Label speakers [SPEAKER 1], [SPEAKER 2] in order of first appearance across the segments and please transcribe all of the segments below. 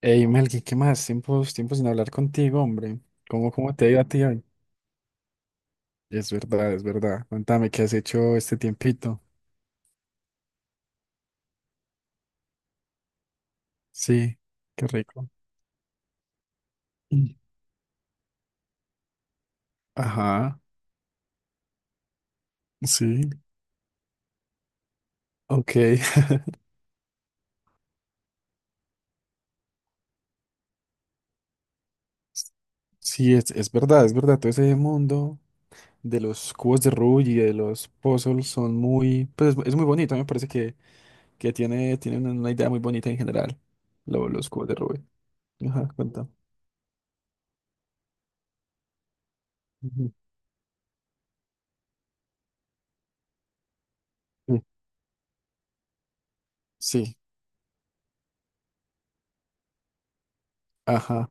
[SPEAKER 1] Ey, Melqui, ¿qué más? Tiempos, tiempos sin hablar contigo, hombre. ¿Cómo te ha ido a ti hoy? Es verdad, es verdad. Cuéntame, ¿qué has hecho este tiempito? Sí, qué rico. Mm. Ajá, sí, ok. Sí, es verdad, es verdad. Todo ese mundo de los cubos de Rubik y de los puzzles son muy, pues es muy bonito. A mí me parece que tiene una idea muy bonita en general, los cubos de Rubik. Ajá, cuéntame. Ujú. Sí, sí, ajá.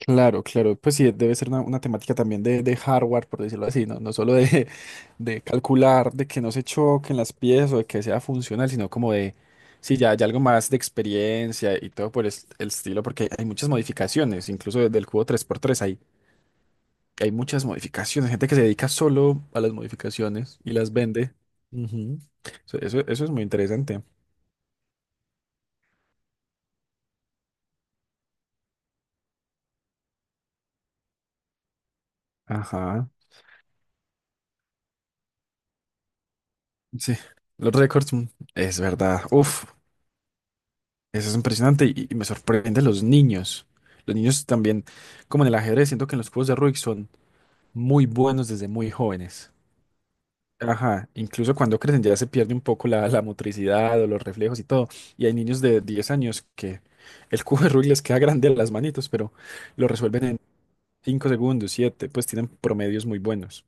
[SPEAKER 1] Claro, claro, pues sí, debe ser una temática también de hardware, por decirlo así, ¿no? No solo de, de calcular, de que no se choquen las piezas o de que sea funcional, sino como de, sí, ya, ya algo más de experiencia y todo por el estilo, porque hay muchas modificaciones, incluso desde el cubo 3x3 hay, hay muchas modificaciones, gente que se dedica solo a las modificaciones y las vende. Ujú. Eso, eso es muy interesante. Ajá, sí, los récords, mm, es verdad, uf. Eso es impresionante y me sorprende los niños. Los niños también, como en el ajedrez, siento que en los cubos de Rubik son muy buenos desde muy jóvenes. Ajá, incluso cuando crecen ya se pierde un poco la, la motricidad o los reflejos y todo. Y hay niños de 10 años que el cubo de Rubik les queda grande a las manitos, pero lo resuelven en 5 segundos, siete. Pues tienen promedios muy buenos.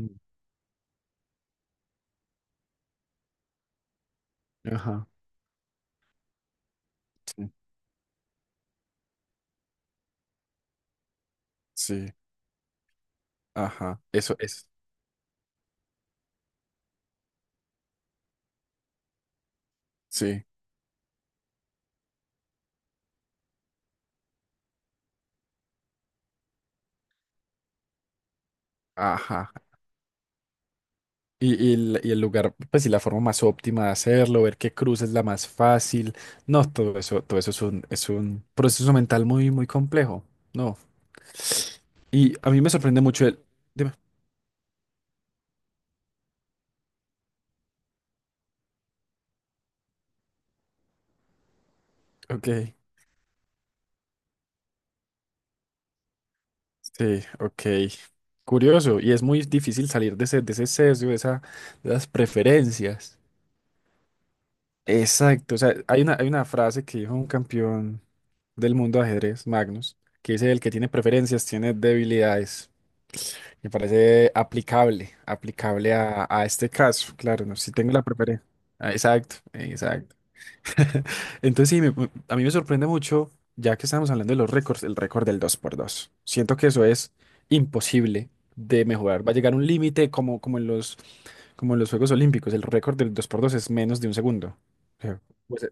[SPEAKER 1] Mm. Ajá, sí, sí, ajá, eso es, sí, ajá. Y el lugar, pues y la forma más óptima de hacerlo, ver qué cruz es la más fácil. No, todo eso es un proceso mental muy, muy complejo. No. Y a mí me sorprende mucho el. Dime. Ok. Sí, ok. Curioso. Y es muy difícil salir de ese sesgo, de esa, de las preferencias. Exacto. O sea, hay una frase que dijo un campeón del mundo de ajedrez, Magnus, que dice el que tiene preferencias tiene debilidades. Me parece aplicable, aplicable a este caso, claro, no, si tengo la preferencia. Ah, exacto, exacto. Entonces sí, a mí me sorprende mucho, ya que estamos hablando de los récords, el récord del 2x2. Siento que eso es imposible de mejorar. Va a llegar un límite como, como en los Juegos Olímpicos. El récord del dos por dos es menos de un segundo. O sea, pues,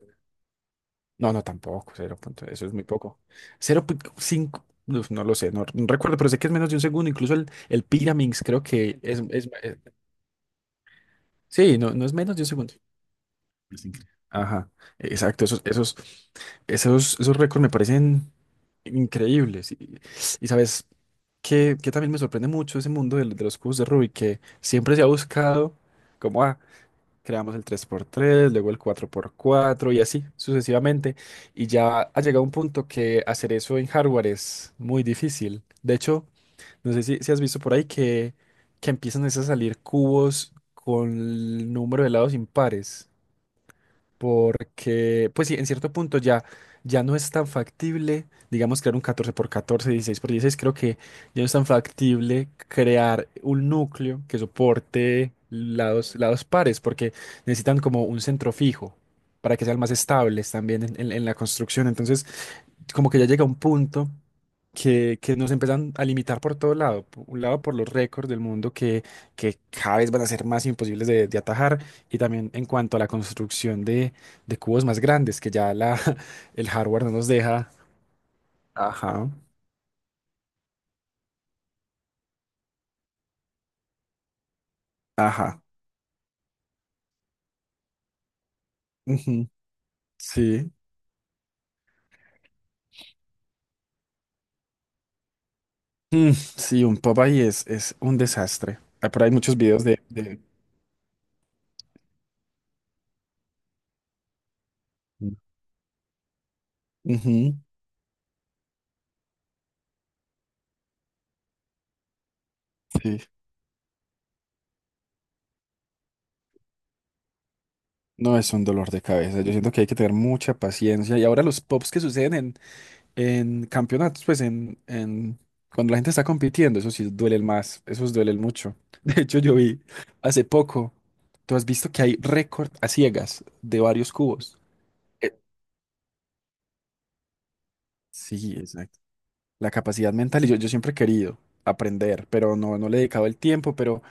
[SPEAKER 1] no, no, tampoco, cero punto, eso es muy poco. 0,5 no, no lo sé, no, no recuerdo, pero sé que es menos de un segundo, incluso el Pyraminx creo que es, sí, no, no es menos de un segundo. Es increíble. Ajá, exacto, esos, esos, esos, esos récords me parecen increíbles. Y sabes que también me sorprende mucho ese mundo de los cubos de Rubik, que siempre se ha buscado, como, ah, creamos el 3x3 luego el 4x4 y así sucesivamente. Y ya ha llegado un punto que hacer eso en hardware es muy difícil. De hecho, no sé si, si has visto por ahí que empiezan es a salir cubos con el número de lados impares porque, pues sí, en cierto punto ya, ya no es tan factible, digamos, crear un 14x14. 16x16 creo que ya no es tan factible crear un núcleo que soporte lados, lados pares, porque necesitan como un centro fijo para que sean más estables también en, en la construcción. Entonces, como que ya llega un punto que nos empiezan a limitar por todo lado. Por un lado, por los récords del mundo que cada vez van a ser más imposibles de atajar, y también en cuanto a la construcción de cubos más grandes, que ya la, el hardware no nos deja. Ajá, ajá, ujú, sí. Mm, sí, un pop ahí es un desastre. Ah, por ahí hay muchos videos de- Ujú, sí. No, es un dolor de cabeza. Yo siento que hay que tener mucha paciencia. Y ahora los pops que suceden en campeonatos, pues en cuando la gente está compitiendo, eso sí duele más, esos duelen mucho. De hecho, yo vi hace poco, tú has visto que hay récord a ciegas de varios cubos. Eh, Sí, exacto. La capacidad mental, y yo siempre he querido aprender, pero no, no le he dedicado el tiempo,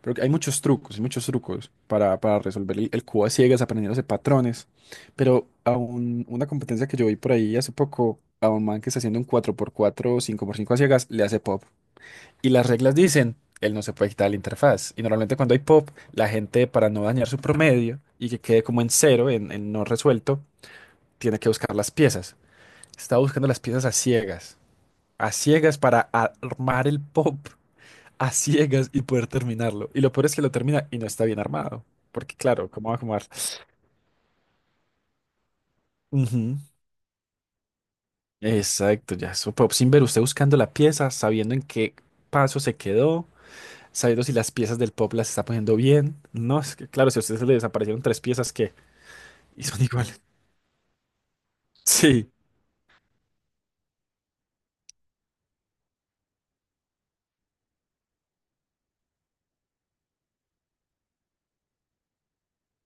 [SPEAKER 1] pero hay muchos trucos para resolver el cubo a ciegas, aprendiéndose patrones. Pero a una competencia que yo vi por ahí hace poco, a un man que está haciendo un 4x4 o 5x5 a ciegas, le hace pop. Y las reglas dicen, él no se puede quitar la interfaz. Y normalmente cuando hay pop, la gente para no dañar su promedio y que quede como en cero, en no resuelto, tiene que buscar las piezas. Está buscando las piezas a ciegas. A ciegas para armar el pop. A ciegas y poder terminarlo. Y lo peor es que lo termina y no está bien armado. Porque claro, ¿cómo va a armar? Ujú. Exacto, ya. Su pop sin ver usted buscando la pieza, sabiendo en qué paso se quedó, sabiendo si las piezas del pop las está poniendo bien. No, es que claro, si a usted le desaparecieron tres piezas ¿qué? Y son iguales. Sí,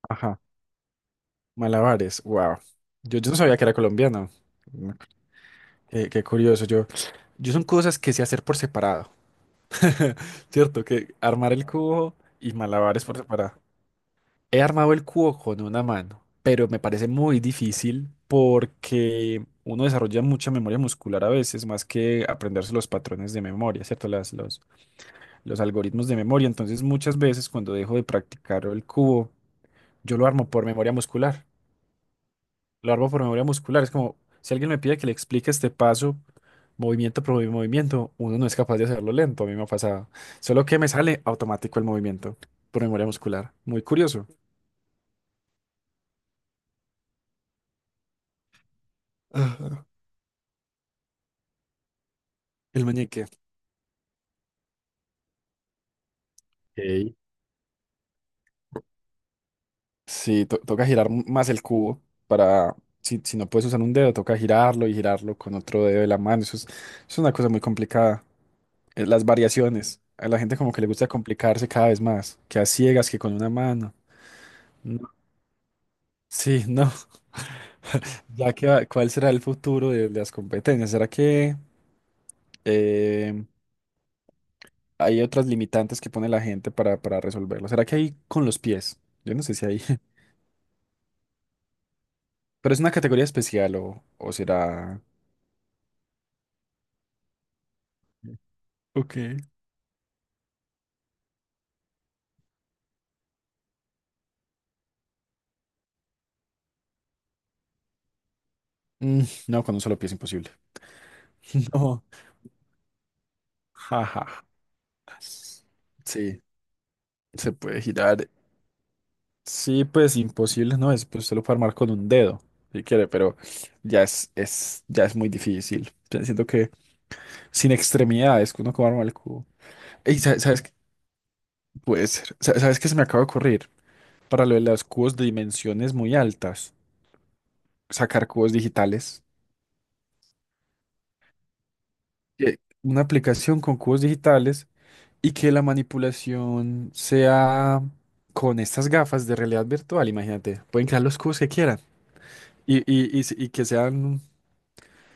[SPEAKER 1] ajá. Malabares, wow. Yo no sabía que era colombiano. Mm, qué, qué curioso. Yo son cosas que sé hacer por separado. Cierto, que armar el cubo y malabares por separado. He armado el cubo con una mano, pero me parece muy difícil porque uno desarrolla mucha memoria muscular a veces, más que aprenderse los patrones de memoria, ¿cierto? Las, los algoritmos de memoria. Entonces, muchas veces cuando dejo de practicar el cubo, yo lo armo por memoria muscular. Lo armo por memoria muscular. Es como si alguien me pide que le explique este paso, movimiento por movimiento, uno no es capaz de hacerlo lento. A mí me ha pasado. Solo que me sale automático el movimiento por memoria muscular. Muy curioso. Ah, el meñique. Ok. Sí, toca girar más el cubo para. Si, si no puedes usar un dedo, toca girarlo y girarlo con otro dedo de la mano. Eso es una cosa muy complicada. Eh, las variaciones. A la gente como que le gusta complicarse cada vez más, que a ciegas, que con una mano. No. Sí, no. Ya que cuál será el futuro de las competencias. ¿Será que eh, hay otras limitantes que pone la gente para resolverlo? ¿Será que hay con los pies? Yo no sé si hay. Pero es una categoría especial o será... Ok. Mm, no, con un solo pie es imposible. No. Jaja. Sí, se puede girar. Sí, pues imposible no es, pues usted lo puede armar con un dedo, si quiere, pero ya es, ya es muy difícil. Yo siento que sin extremidades, que uno cómo arma el cubo. Ey, ¿sabes, sabes qué? Puede ser. ¿Sabes qué se me acaba de ocurrir? Para lo de los cubos de dimensiones muy altas, sacar cubos digitales. Que una aplicación con cubos digitales y que la manipulación sea con estas gafas de realidad virtual, imagínate. Pueden crear los cubos que quieran y, y que sean.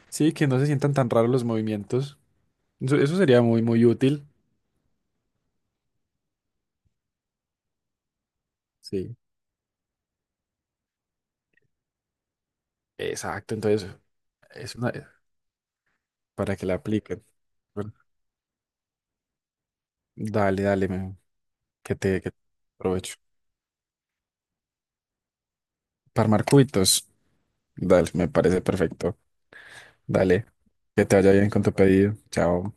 [SPEAKER 1] Sí, que no se sientan tan raros los movimientos. Eso sería muy, muy útil. Sí. Exacto, entonces es una, para que la apliquen. Bueno, dale, dale, que te aprovecho. Para armar cubitos, dale, me parece perfecto. Dale, que te vaya bien con tu pedido. Chao.